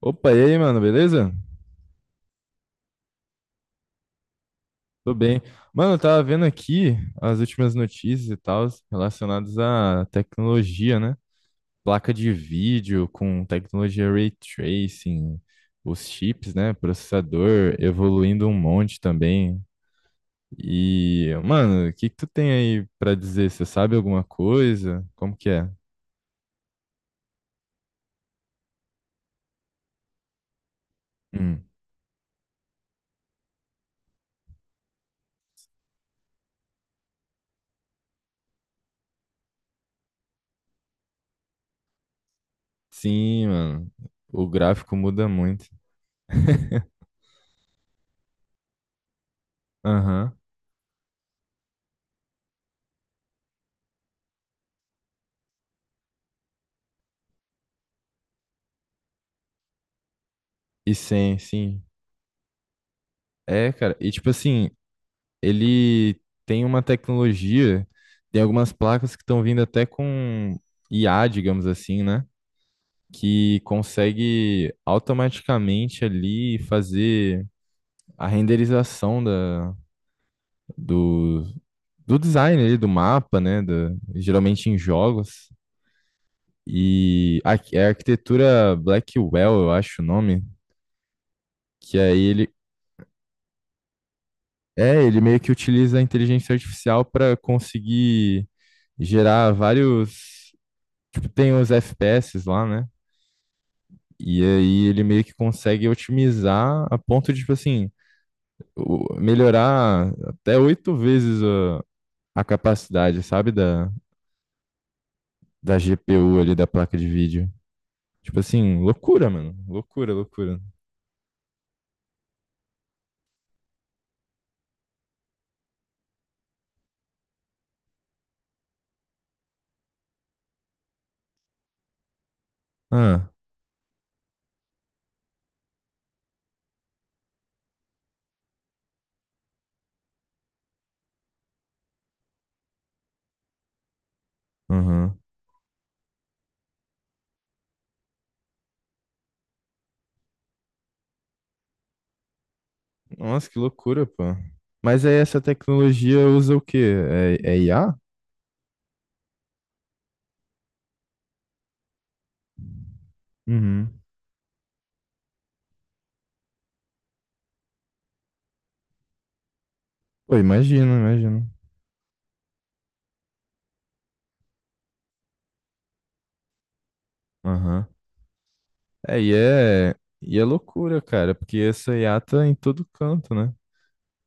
Opa, e aí, mano, beleza? Tô bem. Mano, eu tava vendo aqui as últimas notícias e tal relacionadas à tecnologia, né? Placa de vídeo com tecnologia ray tracing, os chips, né? Processador evoluindo um monte também. E, mano, o que que tu tem aí pra dizer? Você sabe alguma coisa? Como que é? Hum. Sim, mano. O gráfico muda muito. Aham. Sim, sim. É, cara. E tipo assim, ele tem uma tecnologia, tem algumas placas que estão vindo até com IA, digamos assim, né? Que consegue automaticamente ali fazer a renderização do, do design ali, do mapa, né? Geralmente em jogos. É a arquitetura Blackwell, eu acho o nome, que aí ele. É, ele meio que utiliza a inteligência artificial para conseguir gerar vários tipo, tem os FPS lá, né? E aí ele meio que consegue otimizar a ponto de, tipo assim, melhorar até 8 vezes a capacidade, sabe, da GPU ali, da placa de vídeo. Tipo assim, loucura, mano. Loucura, loucura. Ah, aham. Nossa, que loucura, pô. Mas aí essa tecnologia usa o quê? É IA? Uhum. Pô, imagino, imagino. Aham. É, e é, e é loucura, cara, porque essa IA tá em todo canto, né?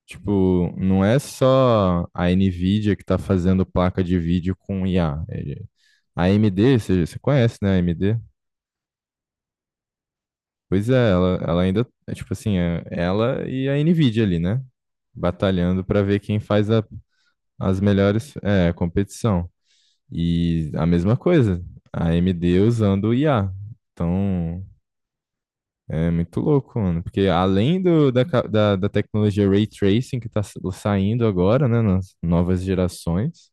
Tipo, não é só a Nvidia que tá fazendo placa de vídeo com IA. É, a AMD, você conhece, né, a AMD? Pois é, ela ainda, é, tipo assim, é ela e a Nvidia ali, né? Batalhando pra ver quem faz as melhores, é, competição. E a mesma coisa, a AMD usando o IA. Então, é muito louco, mano. Porque além do, da, ca- da, da tecnologia Ray Tracing que tá saindo agora, né, nas novas gerações,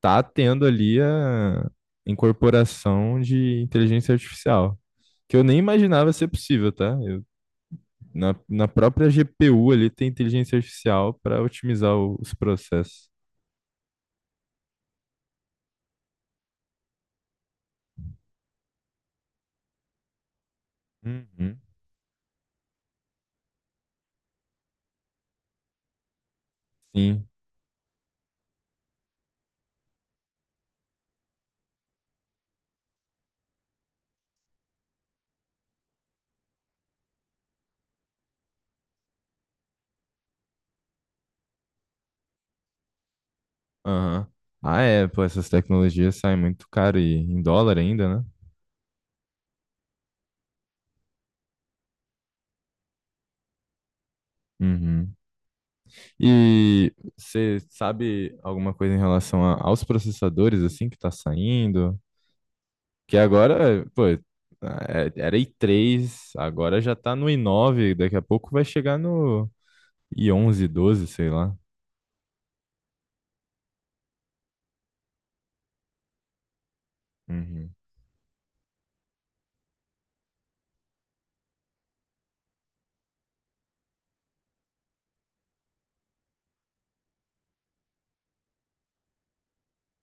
tá tendo ali a incorporação de inteligência artificial, que eu nem imaginava ser possível, tá? Eu, na própria GPU ali tem inteligência artificial para otimizar os processos. Uhum. Sim. Aham. Ah, é, pô, essas tecnologias saem muito caro e em dólar ainda, né? Uhum. E você sabe alguma coisa em relação aos processadores assim que tá saindo? Que agora, pô, era i3, agora já tá no i9, daqui a pouco vai chegar no i11, 12 sei lá. Uhum.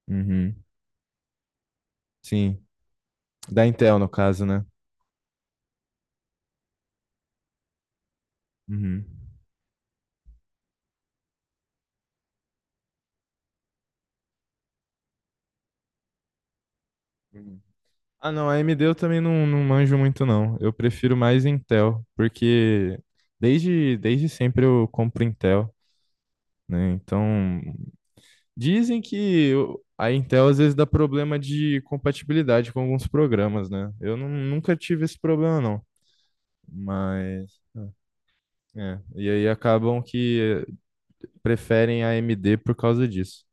Uhum. Sim, da Intel no caso, né? Uhum. Uhum. Ah, não, a AMD eu também não, não manjo muito, não. Eu prefiro mais Intel, porque desde sempre eu compro Intel, né? Então, dizem que a Intel às vezes dá problema de compatibilidade com alguns programas, né? Eu nunca tive esse problema, não. Mas, é, e aí acabam que preferem a AMD por causa disso.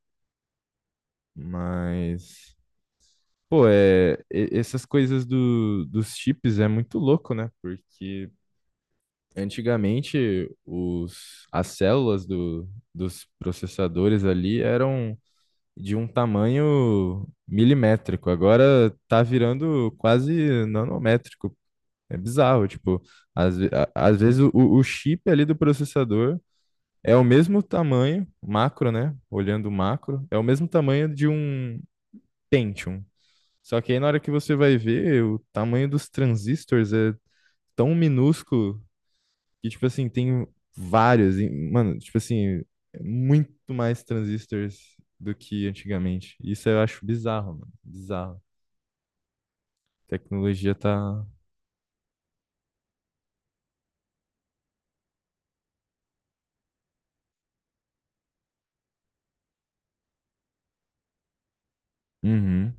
Mas, pô, é, essas coisas do, dos chips é muito louco, né? Porque antigamente os, as células dos processadores ali eram de um tamanho milimétrico. Agora tá virando quase nanométrico. É bizarro, tipo, às vezes o chip ali do processador é o mesmo tamanho, macro, né? Olhando o macro, é o mesmo tamanho de um Pentium. Só que aí na hora que você vai ver, o tamanho dos transistores é tão minúsculo que, tipo assim, tem vários. Mano, tipo assim, é muito mais transistores do que antigamente. Isso eu acho bizarro, mano. Bizarro. Tecnologia tá. Uhum.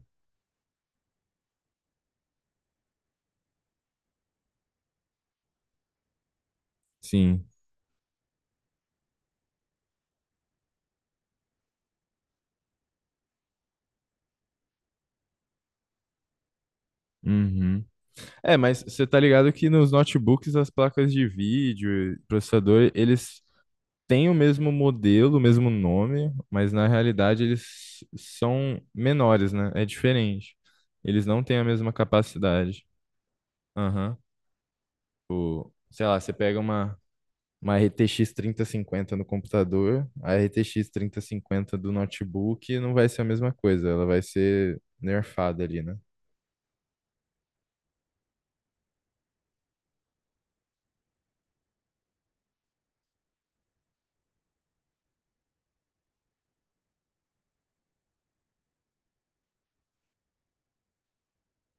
Sim. Uhum. É, mas você tá ligado que nos notebooks as placas de vídeo, e processador, eles têm o mesmo modelo, o mesmo nome, mas na realidade eles são menores, né? É diferente. Eles não têm a mesma capacidade. Aham. O, sei lá, você pega uma RTX 3050 no computador, a RTX 3050 do notebook não vai ser a mesma coisa, ela vai ser nerfada ali, né?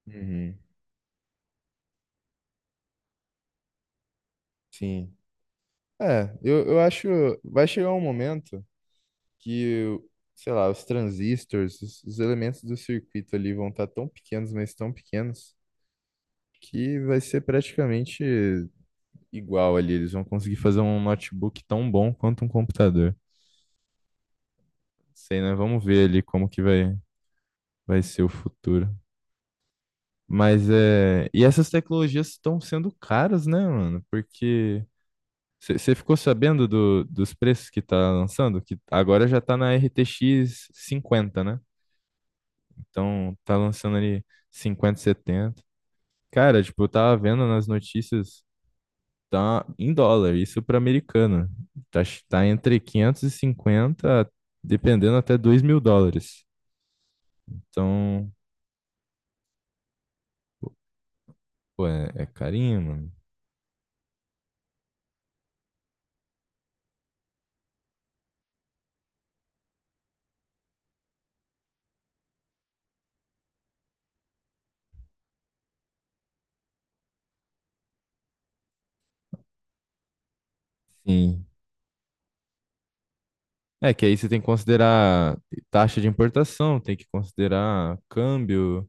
Uhum. Sim. É, eu acho. Vai chegar um momento que, sei lá, os transistores, os elementos do circuito ali vão estar tão pequenos, mas tão pequenos, que vai ser praticamente igual ali. Eles vão conseguir fazer um notebook tão bom quanto um computador. Sei, né? Vamos ver ali como que vai, vai ser o futuro. Mas é. E essas tecnologias estão sendo caras, né, mano? Porque. Você ficou sabendo do, dos preços que tá lançando? Que agora já tá na RTX 50, né? Então, tá lançando ali 50 70. Cara, tipo, eu tava vendo nas notícias, tá em dólar, isso pra americana. Tá, tá entre 550, dependendo, até 2.000 dólares. Então, pô, é, é carinho, mano. Sim. É que aí você tem que considerar taxa de importação, tem que considerar câmbio,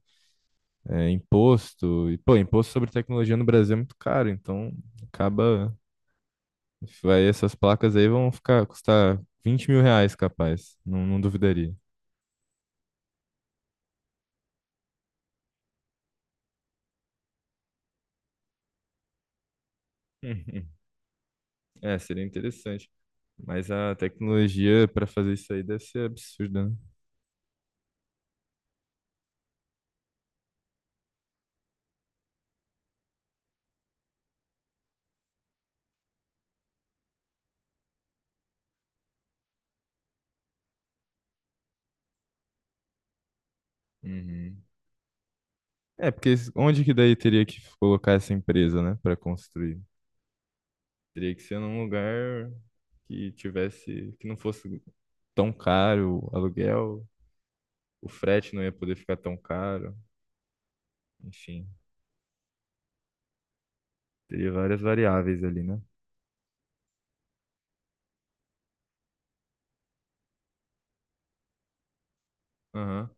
é, imposto. E, pô, imposto sobre tecnologia no Brasil é muito caro, então acaba. Vai, essas placas aí vão ficar custar R$ 20.000, capaz. Não, não duvidaria. Uhum. É, seria interessante. Mas a tecnologia para fazer isso aí deve ser absurda, né? Uhum. É, porque onde que daí teria que colocar essa empresa, né, para construir? Teria que ser num lugar que tivesse, que não fosse tão caro o aluguel, o frete não ia poder ficar tão caro, enfim, teria várias variáveis ali, né? Aham.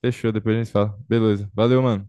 Fechou, depois a gente fala. Beleza, valeu, mano.